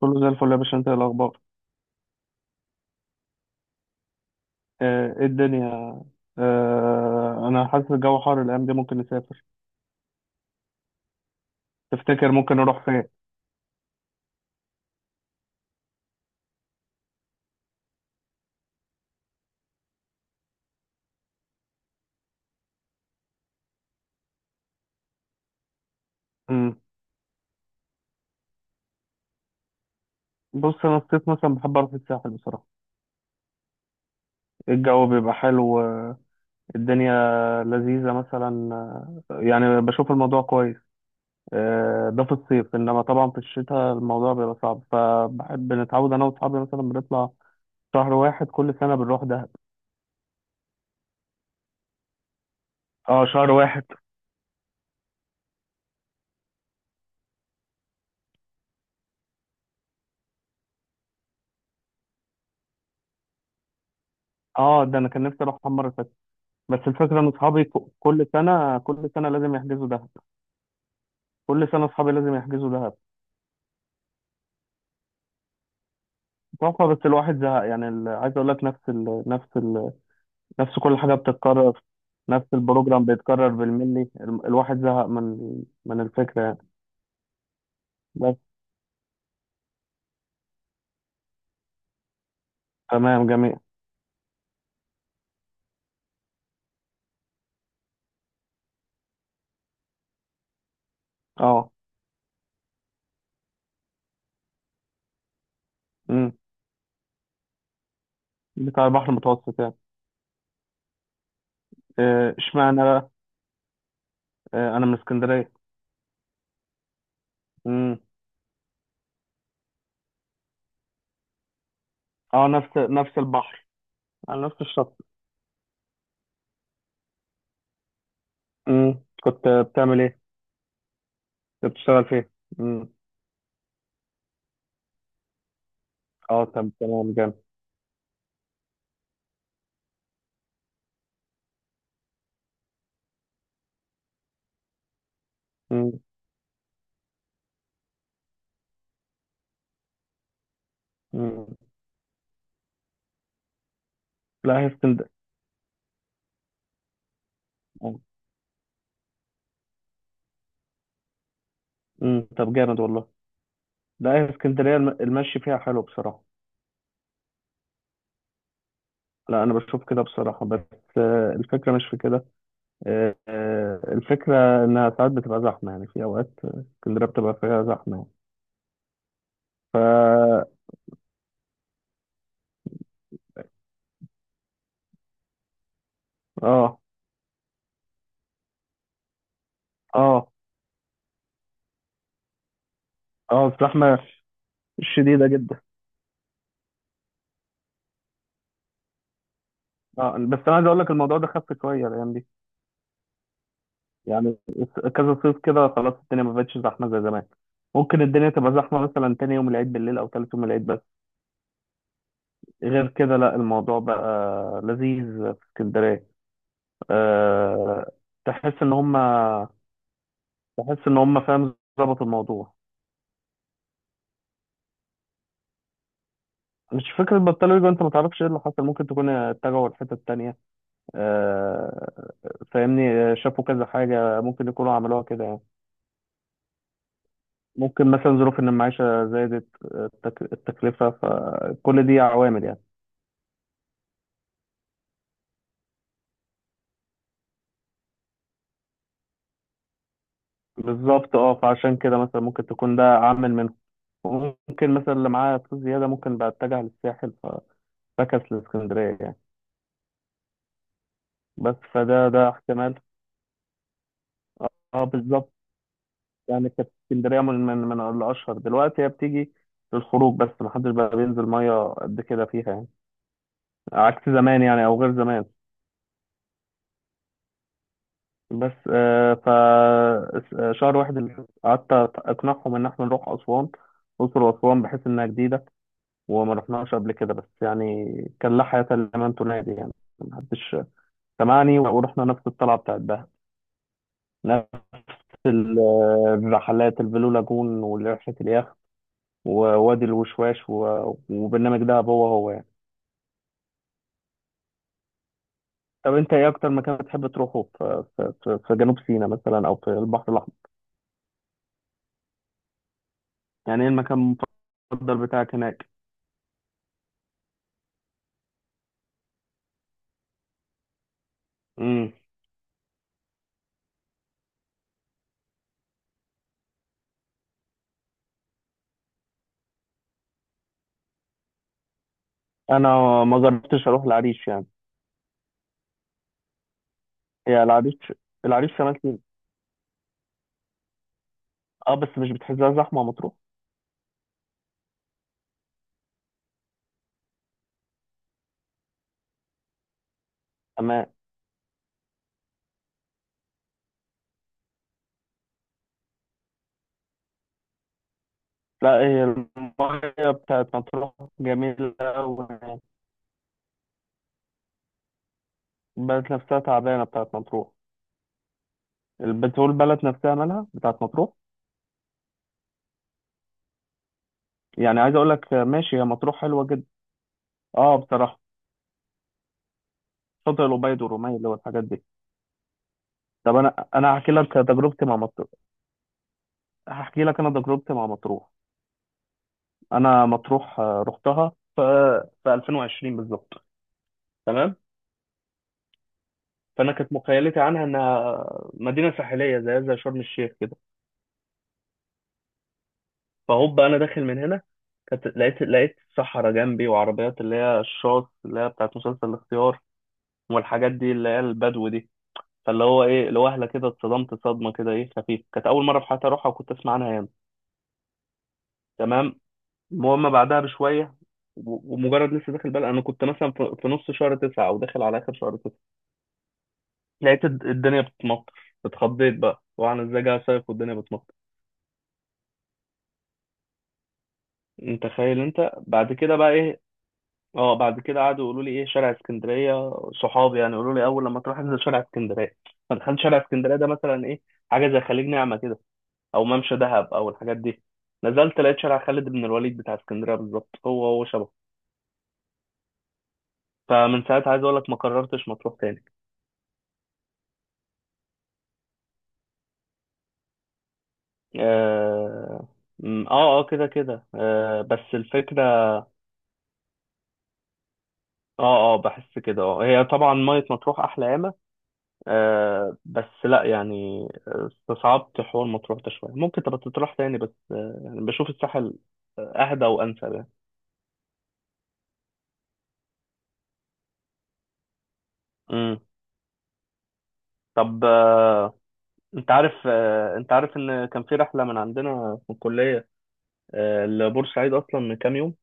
كله زي الفل يا باشا، انت ايه الاخبار؟ ايه الدنيا؟ انا حاسس الجو حر الايام دي. ممكن نسافر؟ تفتكر ممكن نروح فين؟ مم. بص انا الصيف مثلا بحب اروح الساحل بصراحه، الجو بيبقى حلو، الدنيا لذيذه مثلا. يعني بشوف الموضوع كويس. ده في الصيف، انما طبعا في الشتاء الموضوع بيبقى صعب، فبحب نتعود انا واصحابي مثلا بنطلع شهر واحد كل سنه بنروح دهب. اه، شهر واحد. اه ده انا كان نفسي اروح مره، بس الفكرة إن أصحابي كل سنة كل سنة لازم يحجزوا دهب. كل سنة أصحابي لازم يحجزوا دهب. تحفة، بس الواحد زهق يعني. عايز أقول لك نفس كل حاجة بتتكرر. نفس البروجرام بيتكرر بالملي. الواحد زهق من من الفكرة يعني. بس تمام، جميل. اه، امم، بتاع البحر المتوسط يعني. اشمعنى بقى؟ أنا من اسكندرية. امم. اه، نفس البحر، على نفس الشط. امم، كنت بتعمل إيه؟ كنت بتشتغل فين؟ امم، اه طب تمام. جامد. مم. لا هي اسكندريه. طب جامد والله. لا هي اسكندريه المشي فيها حلو بصراحه. لا انا بشوف كده بصراحه، بس الفكره مش في كده. الفكره انها ساعات بتبقى زحمه، يعني في اوقات، اسكندريه بتبقى فيها زحمه يعني. ف اه، اه، اه الزحمه شديده جدا. اه، بس انا عايز اقول لك الموضوع ده خف شويه الايام دي يعني. كذا صيف كده خلاص، الدنيا ما بقتش زحمه زي زمان. ممكن الدنيا تبقى زحمه مثلا تاني يوم العيد بالليل، او تالت يوم العيد. غير كده لا، الموضوع بقى لذيذ في اسكندرية. أه. تحس ان هم، تحس ان هم فاهم ظبط الموضوع. مش فكرة بطلوا يجوا، انت ما تعرفش ايه اللي حصل، ممكن تكون اتجهوا لحتة تانية. أه، فاهمني؟ شافوا كذا حاجة ممكن يكونوا عملوها كده يعني. ممكن مثلا ظروف ان المعيشة زادت، التكلفة، فكل دي عوامل يعني. بالظبط، اه، فعشان كده مثلا ممكن تكون ده عامل منهم. ممكن مثلا اللي معاه فلوس زيادة ممكن بقى اتجه للساحل، فكس لاسكندريه يعني. بس فده ده احتمال. اه بالظبط، يعني كانت اسكندريه من الاشهر. دلوقتي هي بتيجي للخروج بس، ما حدش بقى بينزل ميه قد كده فيها يعني. عكس زمان يعني، او غير زمان. بس آه ف شهر واحد اللي قعدت اقنعهم ان احنا نروح اسوان، الاقصر واسوان، بحيث انها جديده وما رحناش قبل كده، بس يعني كان لا حياه لمن تنادي يعني. ما حدش سمعني، ورحنا نفس الطلعه بتاعت دهب في رحلات البلو لاجون، ورحلة اليخت، ووادي الوشواش، وبرنامج دهب هو هو يعني. طب انت ايه اكتر مكان بتحب تروحه في، جنوب سيناء مثلا او في البحر الاحمر؟ يعني ايه المكان المفضل بتاعك هناك؟ امم. انا ما جربتش اروح العريش يعني. هي العريش، العريش شمال سيناء. اه بس مش بتحسها زحمه مطروح؟ تمام. لا هي الميه بتاعت مطروح جميله أوي يعني. البلد نفسها تعبانه بتاعت مطروح. البترول، البلد نفسها مالها بتاعت مطروح. يعني عايز اقول لك ماشي، هي مطروح حلوه جدا اه بصراحه. شاطئ الأبيض والرومية اللي هو الحاجات دي. طب انا هحكي لك تجربتي مع مطروح. هحكي لك انا تجربتي مع مطروح. انا مطروح رحتها في في 2020 بالظبط. تمام. فانا كانت مخيلتي عنها انها مدينه ساحليه زي شرم الشيخ كده. فهوب انا داخل من هنا، كانت لقيت صحراء جنبي، وعربيات اللي هي الشاص، اللي هي بتاعت مسلسل الاختيار، والحاجات دي اللي هي البدو دي. فاللي هو ايه، لوهله كده اتصدمت صدمه كده ايه خفيفه، كانت اول مره في حياتي اروحها وكنت اسمع عنها ياما. تمام. المهم بعدها بشويه، ومجرد لسه داخل بقى، انا كنت مثلا في نص شهر تسعة او داخل على اخر شهر تسعة، لقيت الدنيا بتمطر. اتخضيت بقى، وانا ازاي جاي صيف والدنيا بتمطر. انت تخيل. انت بعد كده بقى ايه، اه بعد كده قعدوا يقولوا لي ايه شارع اسكندريه. صحابي يعني يقولوا لي اول لما تروح انزل شارع اسكندريه. فدخلت شارع اسكندريه ده مثلا ايه، حاجه زي خليج نعمه كده، او ممشى دهب او الحاجات دي. نزلت لقيت شارع خالد بن الوليد بتاع اسكندريه بالظبط، هو هو شبه. فمن ساعتها عايز اقول لك ما قررتش مطروح تاني. اه، كده كده آه، بس الفكره اه اه بحس كده اه. هي طبعا ميه مطروح احلى ياما آه، بس لا يعني، استصعبت حوار مطروح ده شويه. ممكن تبقى تروح تاني، بس آه يعني بشوف الساحل اهدى وانسب يعني. امم. طب آه، انت عارف انت عارف ان كان في رحله من عندنا في الكليه لبورسعيد اصلا من كام يوم؟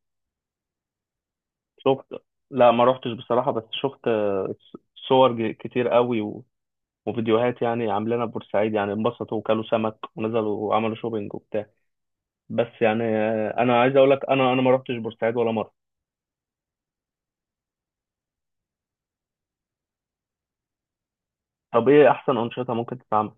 شفت؟ لا ما روحتش بصراحه، بس شفت صور كتير قوي وفيديوهات يعني عاملينها بورسعيد. يعني انبسطوا وكلوا سمك ونزلوا وعملوا شوبينج وبتاع. بس يعني انا عايز اقول لك انا ما روحتش بورسعيد ولا مره. طب ايه احسن انشطه ممكن تتعمل؟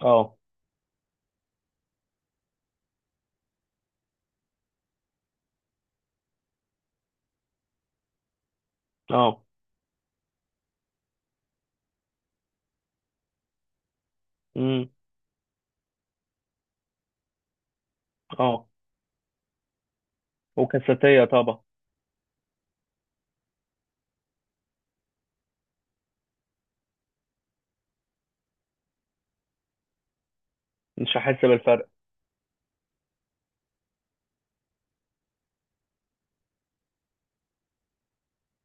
اه. اه. امم. اه. وكاساتيه طبعا. مش هحس بالفرق.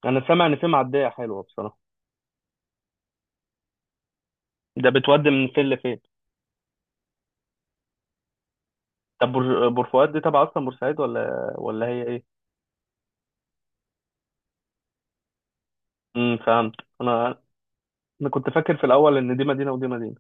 انا سامع ان في معديه حلوه بصراحه. ده بتودي من فين لفين؟ طب بور فؤاد دي تبع اصلا بورسعيد، ولا هي إيه؟ امم، فهمت. انا انا كنت فاكر في الاول ان دي مدينه ودي مدينه.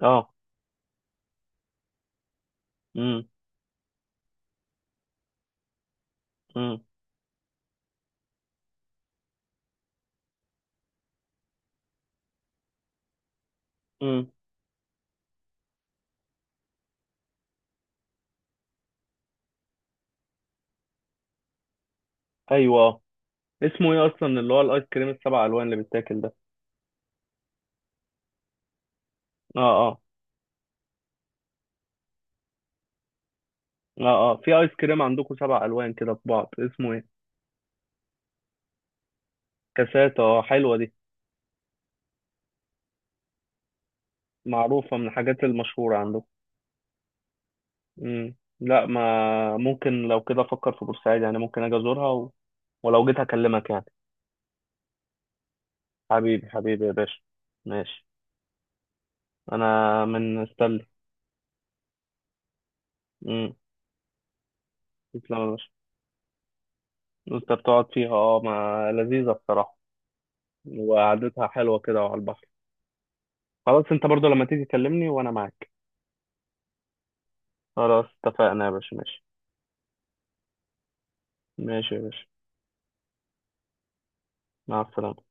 اه. امم. امم. امم. ايوه، اه. اسمه ايه اصلا اللي هو الايس كريم السبع الوان اللي بيتاكل ده؟ اه. اه. اه. اه في ايس كريم عندكم سبع الوان كده في بعض، اسمه ايه؟ كاسات، اه حلوه دي. معروفه من الحاجات المشهوره عندكم. امم. لا ما ممكن، لو كده افكر في بورسعيد يعني، ممكن اجي ازورها ولو جيت هكلمك يعني. حبيبي يا باشا. ماشي، انا من استنى. امم. تسلم يا باشا. انت بتقعد فيها؟ اه ما لذيذة بصراحة، وقعدتها حلوة كده وعلى البحر. خلاص، انت برضو لما تيجي كلمني وانا معاك. خلاص اتفقنا يا باشا، ماشي. ماشي يا باشا، مع السلامة.